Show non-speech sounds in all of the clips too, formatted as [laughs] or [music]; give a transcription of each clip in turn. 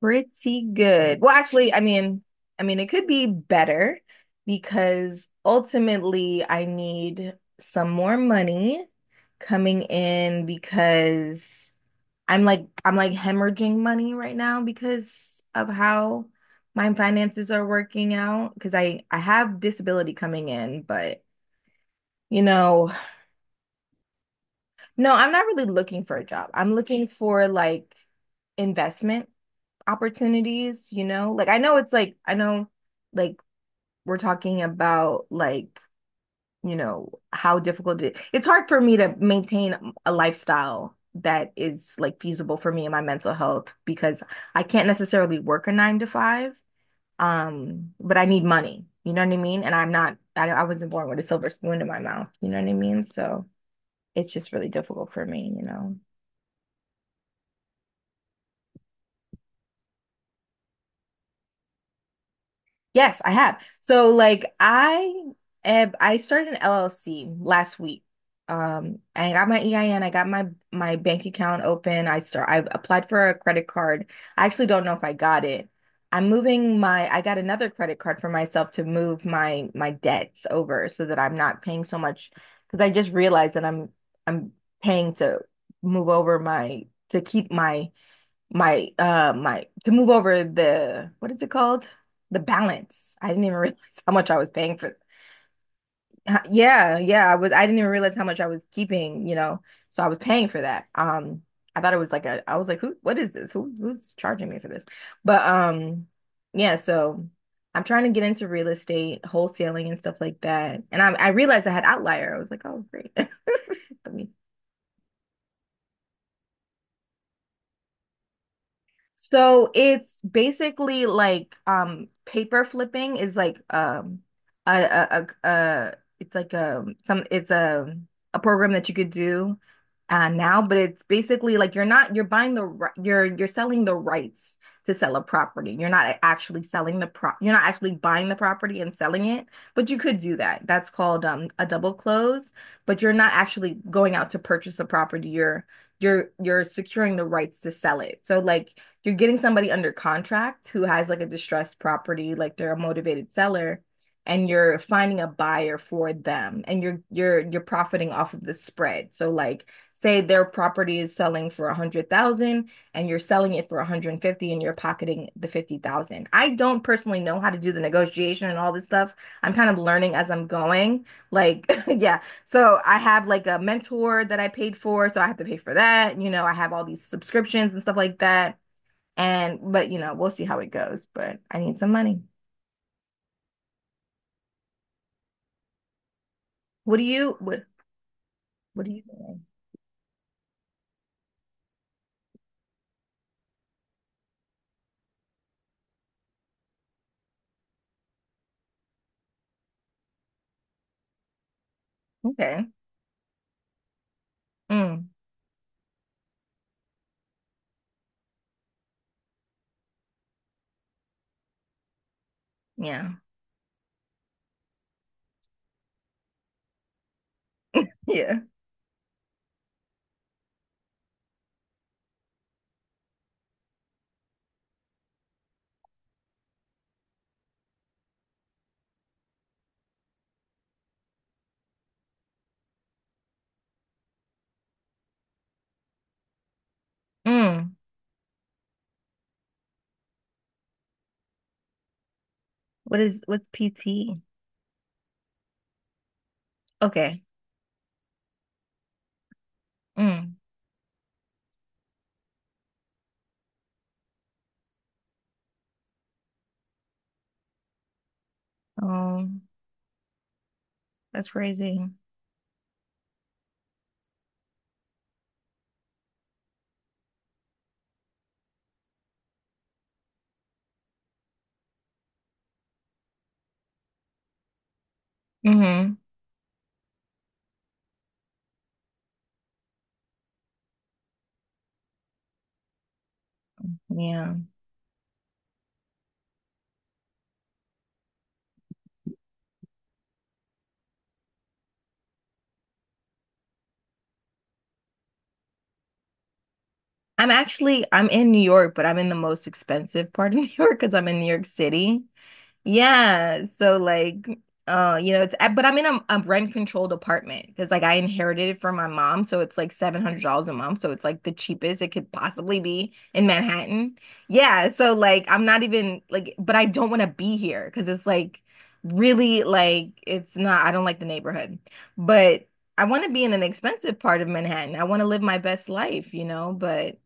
Pretty good. Well, actually, I mean, it could be better because ultimately I need some more money coming in because I'm like hemorrhaging money right now because of how my finances are working out because I have disability coming in, but you know, no, I'm not really looking for a job. I'm looking for like investment opportunities, you know? Like I know, it's like I know, like we're talking about, like, how difficult it is. It's hard for me to maintain a lifestyle that is like feasible for me and my mental health because I can't necessarily work a 9 to 5, but I need money, you know what I mean? And I'm not I, I wasn't born with a silver spoon in my mouth, you know what I mean? So it's just really difficult for me. Yes, I have. So like I started an LLC last week. I got my EIN, I N. I got my bank account open. I applied for a credit card. I actually don't know if I got it. I'm moving my I got another credit card for myself to move my debts over so that I'm not paying so much because I just realized that I'm paying to move over my to keep my my my to move over the, what is it called? The balance. I didn't even [laughs] realize how much I was paying for. Yeah, yeah, I didn't even realize how much I was keeping. So I was paying for that. I thought it was like a, I was like, who, what is this? Who's charging me for this? But yeah, so I'm trying to get into real estate, wholesaling and stuff like that. And I realized I had Outlier. I was like, "Oh, great." [laughs] Let me... So it's basically like paper flipping is like, a it's like a some, it's a program that you could do now, but it's basically like you're not you're buying the ri- you're selling the rights to sell a property. You're not actually buying the property and selling it, but you could do that. That's called a double close, but you're not actually going out to purchase the property. You're securing the rights to sell it. So like you're getting somebody under contract who has like a distressed property, like they're a motivated seller, and you're finding a buyer for them and you're profiting off of the spread. So like, say their property is selling for $100,000 and you're selling it for 150 and you're pocketing the 50,000. I don't personally know how to do the negotiation and all this stuff. I'm kind of learning as I'm going. Like, [laughs] yeah. So I have like a mentor that I paid for, so I have to pay for that. I have all these subscriptions and stuff like that. And but we'll see how it goes. But I need some money. What do you what what do you think? Okay. Mm. Yeah. Yeah. Mm. What's PT? Okay. Mm. Oh, that's crazy. Hmm. Yeah. I'm actually I'm in New York, but I'm in the most expensive part of [laughs] New York because I'm in New York City. Yeah, so like, you know, it's but I'm in a rent-controlled apartment because like I inherited it from my mom, so it's like $700 a month, so it's like the cheapest it could possibly be in Manhattan. Yeah, so like I'm not even like, but I don't want to be here because it's like really like it's not. I don't like the neighborhood, but I want to be in an expensive part of Manhattan. I want to live my best life, but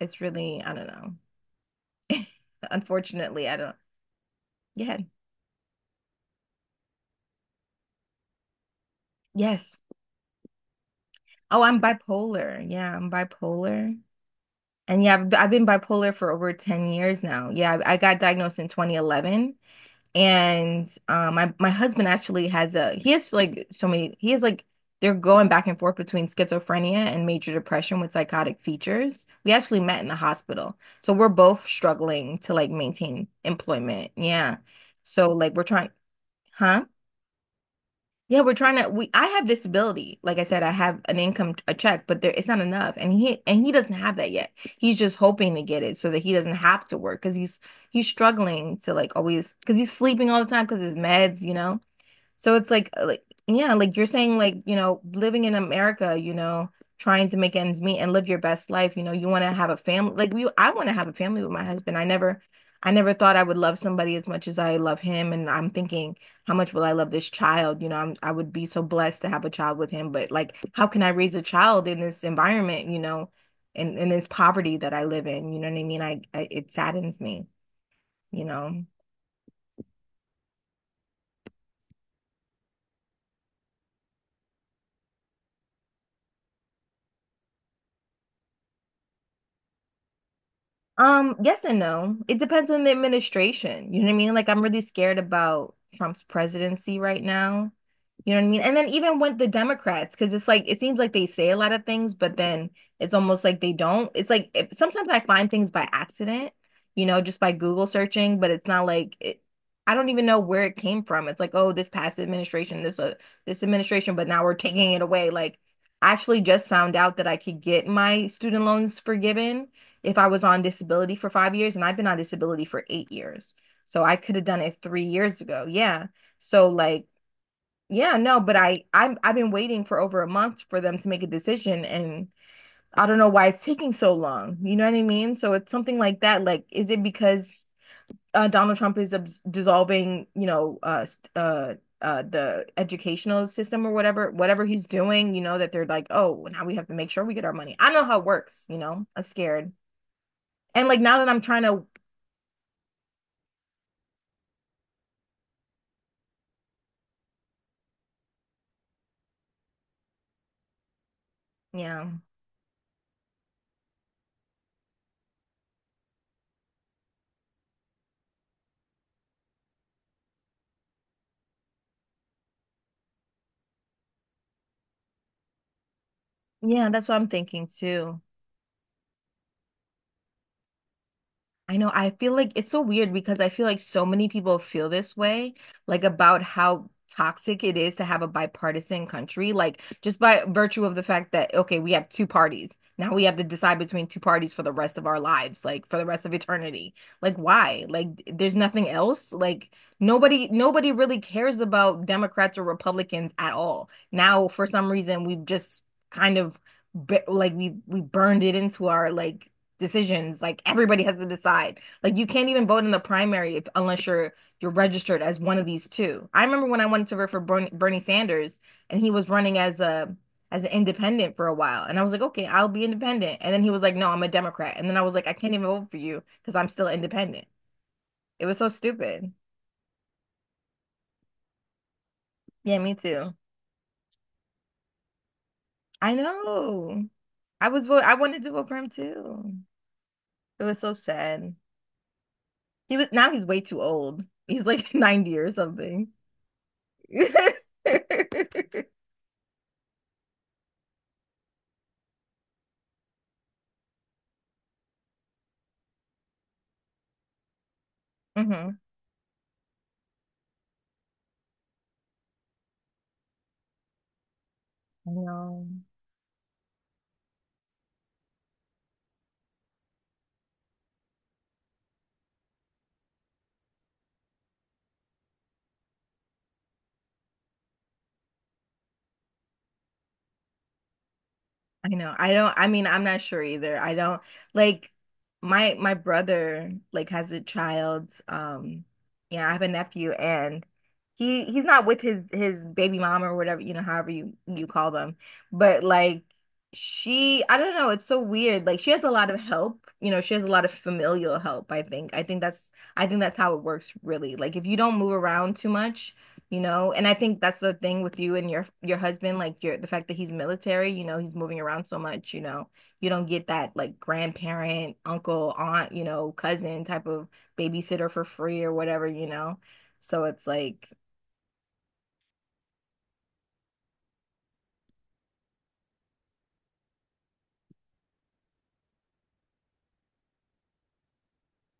it's really I don't know. Unfortunately, I don't. Yeah. Yes. Oh, I'm bipolar. Yeah, I'm bipolar. And yeah, I've been bipolar for over 10 years now. Yeah, I got diagnosed in 2011. And my husband actually he has like so many, they're going back and forth between schizophrenia and major depression with psychotic features. We actually met in the hospital. So we're both struggling to like maintain employment. Yeah. So like we're trying... Huh? Yeah, we're trying to we I have disability. Like I said, I have an income, a check, but there it's not enough. And he doesn't have that yet. He's just hoping to get it so that he doesn't have to work because he's struggling to, like, always, because he's sleeping all the time because his meds. So it's like, like yeah, like you're saying, like, living in America, trying to make ends meet and live your best life. You want to have a family. Like we I want to have a family with my husband. I never thought I would love somebody as much as I love him, and I'm thinking, how much will I love this child? I would be so blessed to have a child with him, but like, how can I raise a child in this environment, in this poverty that I live in? You know what I mean? I It saddens me you know. Yes and no. It depends on the administration. You know what I mean? Like, I'm really scared about Trump's presidency right now. You know what I mean? And then even with the Democrats, because it's like it seems like they say a lot of things, but then it's almost like they don't. It's like, if, sometimes I find things by accident, just by Google searching, but it's not like it — I don't even know where it came from. It's like, oh, this past administration, this administration, but now we're taking it away. Like, I actually just found out that I could get my student loans forgiven if I was on disability for 5 years, and I've been on disability for 8 years. So I could have done it 3 years ago. Yeah. So like, yeah, no, but I've been waiting for over a month for them to make a decision, and I don't know why it's taking so long. You know what I mean? So it's something like that. Like, is it because, Donald Trump is dissolving, uh, the educational system or whatever he's doing, that they're like, oh, now we have to make sure we get our money. I don't know how it works, I'm scared. And like, now that I'm trying to... Yeah. Yeah, that's what I'm thinking too. I know. I feel like it's so weird because I feel like so many people feel this way, like about how toxic it is to have a bipartisan country, like just by virtue of the fact that, okay, we have two parties. Now we have to decide between two parties for the rest of our lives, like for the rest of eternity. Like, why? Like, there's nothing else. Like, nobody really cares about Democrats or Republicans at all. Now, for some reason, we've just kind of like we burned it into our, like, decisions. Like, everybody has to decide. Like, you can't even vote in the primary if, unless you're registered as one of these two. I remember when I wanted to vote for Bernie, Bernie Sanders, and he was running as a as an independent for a while. And I was like, okay, I'll be independent. And then he was like, no, I'm a Democrat. And then I was like, I can't even vote for you because I'm still independent. It was so stupid. Yeah, me too. I know. I wanted to vote for him too. It was so sad. He was now he's way too old. He's like [laughs] 90 or something. [laughs] Hmm. I know. I know. I mean, I'm not sure either. I don't... Like, my brother, like, has a child. Yeah, I have a nephew, and he's not with his baby mom or whatever, you know, however you call them. But like, she, I don't know, it's so weird. Like, she has a lot of help, she has a lot of familial help, I think. I think that's how it works, really. Like, if you don't move around too much, and I think that's the thing with you and your husband. Like, your the fact that he's military, he's moving around so much. You don't get that, like, grandparent, uncle, aunt, cousin type of babysitter for free or whatever. So it's like...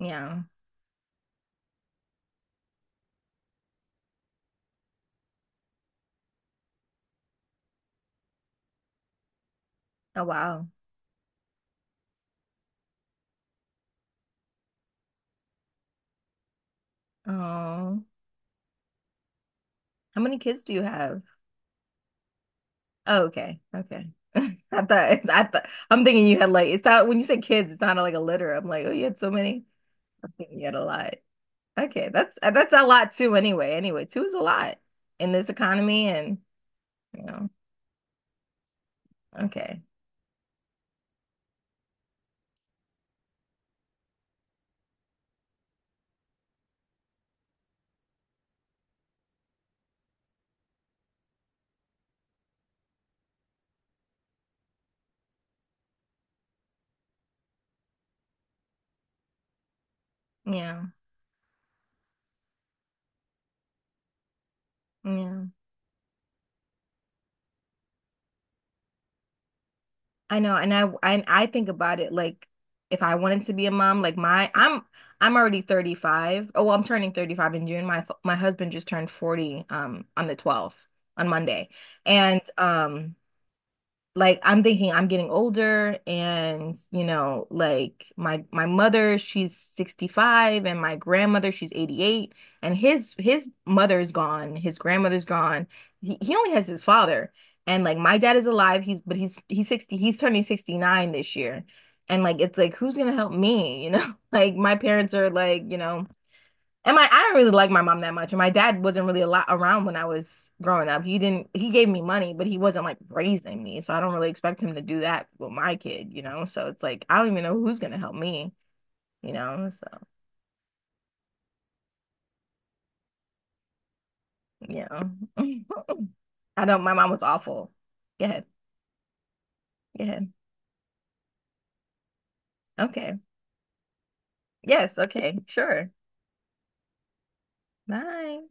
Yeah. Oh, wow. Oh, how many kids do you have? Oh, okay, okay. [laughs] I thought, I'm thinking you had like... It's not, when you say kids, it sounded like a litter. I'm like, oh, you had so many. [laughs] I'm thinking you had a lot. Okay, that's, a lot too, anyway. Anyway, two is a lot in this economy and, you know, okay. Yeah. Yeah. I know. And I think about it like, if I wanted to be a mom, like my I'm already 35. Oh, well, I'm turning 35 in June. My husband just turned 40 on the 12th, on Monday. And like, I'm thinking I'm getting older, and like, my mother, she's 65, and my grandmother, she's 88, and his mother's gone, his grandmother's gone, he only has his father. And like, my dad is alive, he's but he's 60, he's turning 69 this year. And like, it's like, who's gonna help me? [laughs] Like, my parents are like, you know, and I don't really like my mom that much. And my dad wasn't really a lot around when I was growing up. He didn't, he gave me money, but he wasn't like raising me. So I don't really expect him to do that with my kid, you know? So it's like, I don't even know who's going to help me, you know? So, you know, [laughs] I don't, my mom was awful. Go ahead. Go ahead. Okay. Yes. Okay. Sure. Bye.